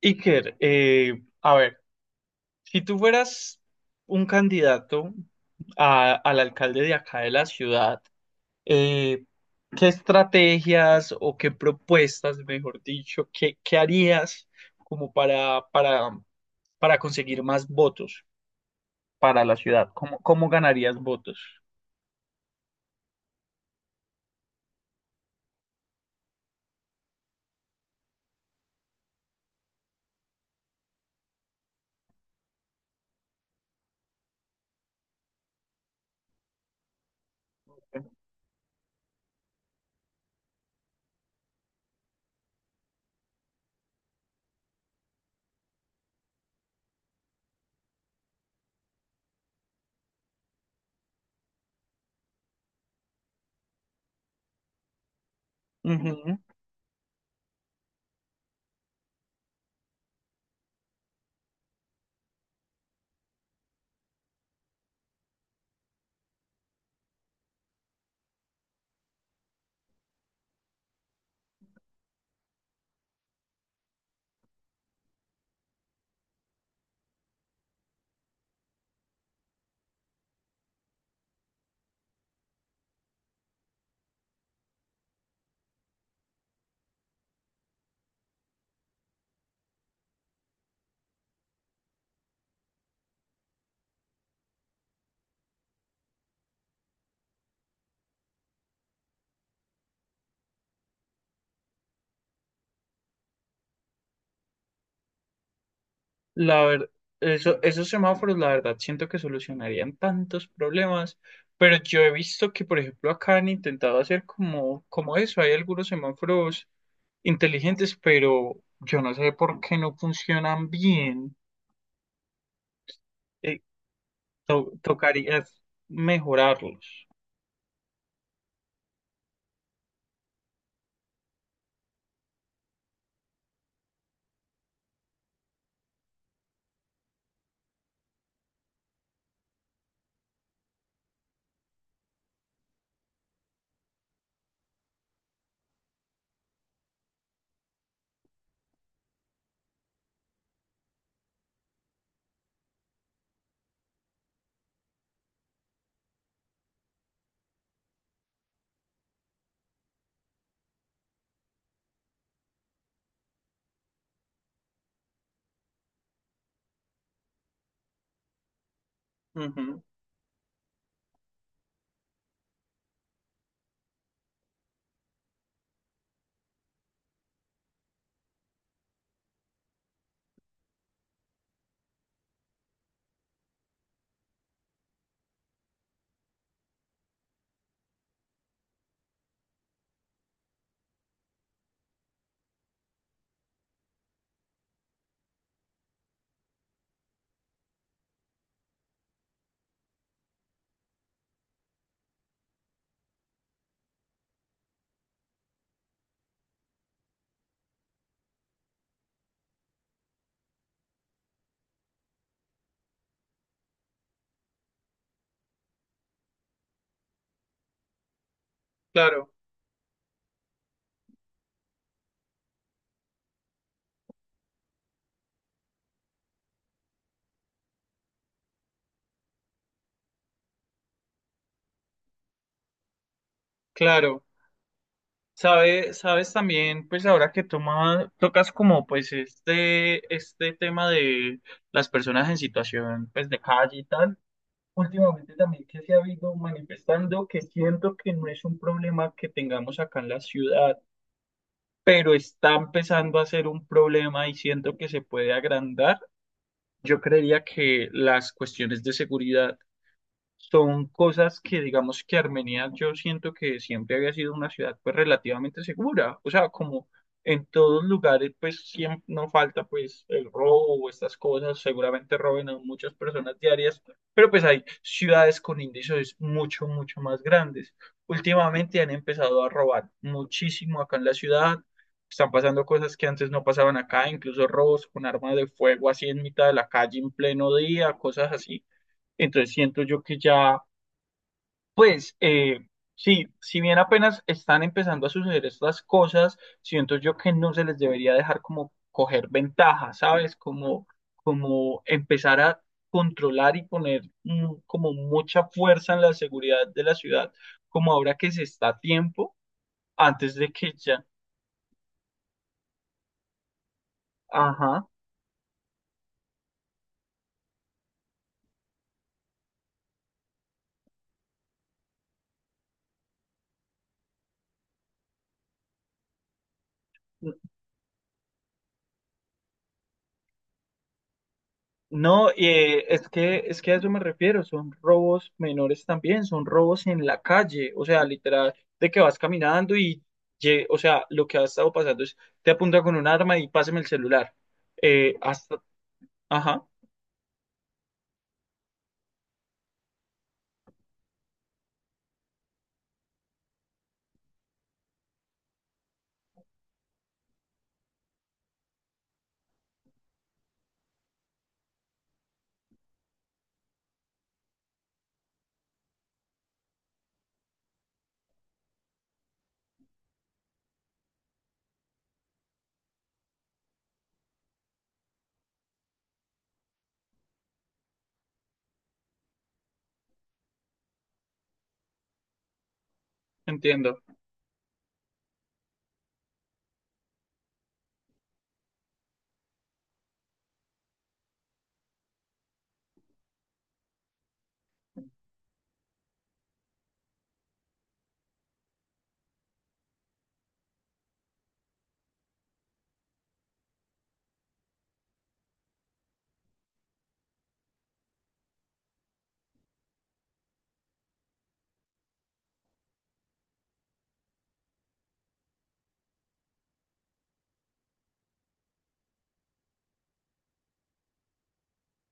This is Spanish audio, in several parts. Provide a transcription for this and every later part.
Iker, a ver, si tú fueras un candidato al alcalde de acá de la ciudad, eh, ¿qué estrategias o qué propuestas, mejor dicho, qué harías como para conseguir más votos para la ciudad? ¿Cómo, cómo ganarías votos? La verdad, esos semáforos, la verdad, siento que solucionarían tantos problemas, pero yo he visto que, por ejemplo, acá han intentado hacer como eso. Hay algunos semáforos inteligentes, pero yo no sé por qué no funcionan bien. Eh, Tocaría mejorarlos. Ujú. Claro, claro. Sabes también, pues ahora que tocas como pues este tema de las personas en situación pues de calle y tal. Últimamente también que se ha habido manifestando que siento que no es un problema que tengamos acá en la ciudad, pero está empezando a ser un problema y siento que se puede agrandar. Yo creería que las cuestiones de seguridad son cosas que digamos que Armenia yo siento que siempre había sido una ciudad pues relativamente segura, o sea, como en todos lugares pues siempre no falta pues el robo o estas cosas, seguramente roben a muchas personas diarias, pero pues hay ciudades con índices mucho, mucho más grandes. Últimamente han empezado a robar muchísimo acá en la ciudad. Están pasando cosas que antes no pasaban acá, incluso robos con armas de fuego así en mitad de la calle en pleno día, cosas así. Entonces siento yo que ya pues sí, si bien apenas están empezando a suceder estas cosas, siento yo que no se les debería dejar como coger ventaja, ¿sabes? Como, como empezar a controlar y poner como mucha fuerza en la seguridad de la ciudad, como ahora que se está a tiempo, antes de que ya, ajá. No, es que a eso me refiero, son robos menores también, son robos en la calle, o sea, literal, de que vas caminando o sea, lo que ha estado pasando es, te apunta con un arma y pásame el celular. Eh, hasta, ajá, entiendo.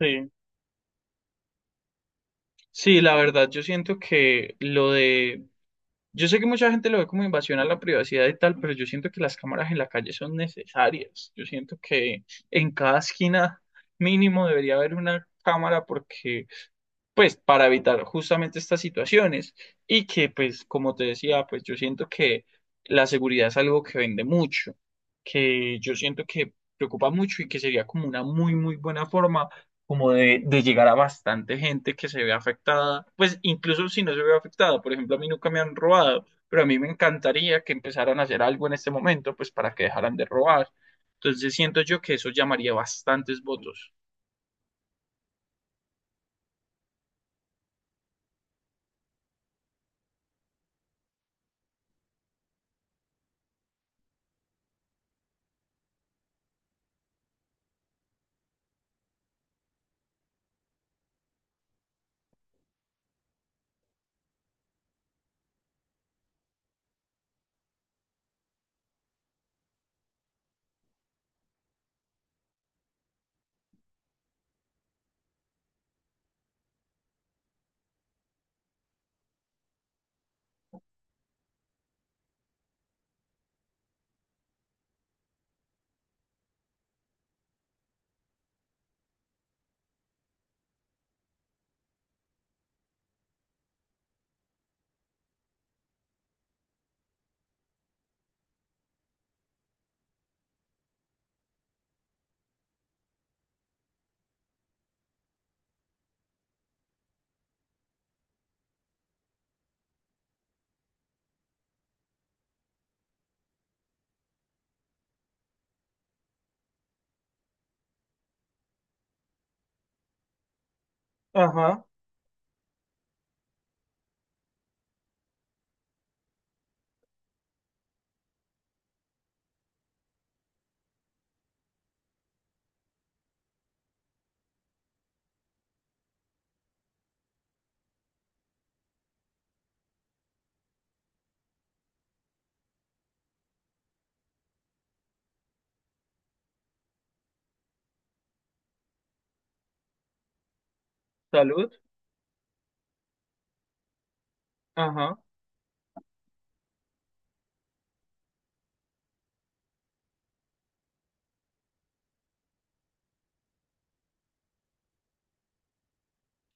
Sí. Sí, la verdad, yo siento que lo de, yo sé que mucha gente lo ve como invasión a la privacidad y tal, pero yo siento que las cámaras en la calle son necesarias. Yo siento que en cada esquina mínimo debería haber una cámara porque pues para evitar justamente estas situaciones y que pues como te decía, pues yo siento que la seguridad es algo que vende mucho, que yo siento que preocupa mucho y que sería como una muy muy buena forma como de llegar a bastante gente que se ve afectada, pues incluso si no se ve afectada, por ejemplo, a mí nunca me han robado, pero a mí me encantaría que empezaran a hacer algo en este momento, pues para que dejaran de robar. Entonces siento yo que eso llamaría bastantes votos. Ajá, salud. Ajá.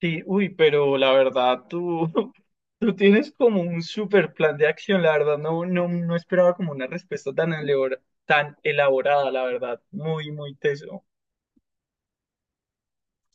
Sí, uy, pero la verdad, tú, tú tienes como un super plan de acción, la verdad, no, no, no esperaba como una respuesta tan elaborada, la verdad, muy, muy teso.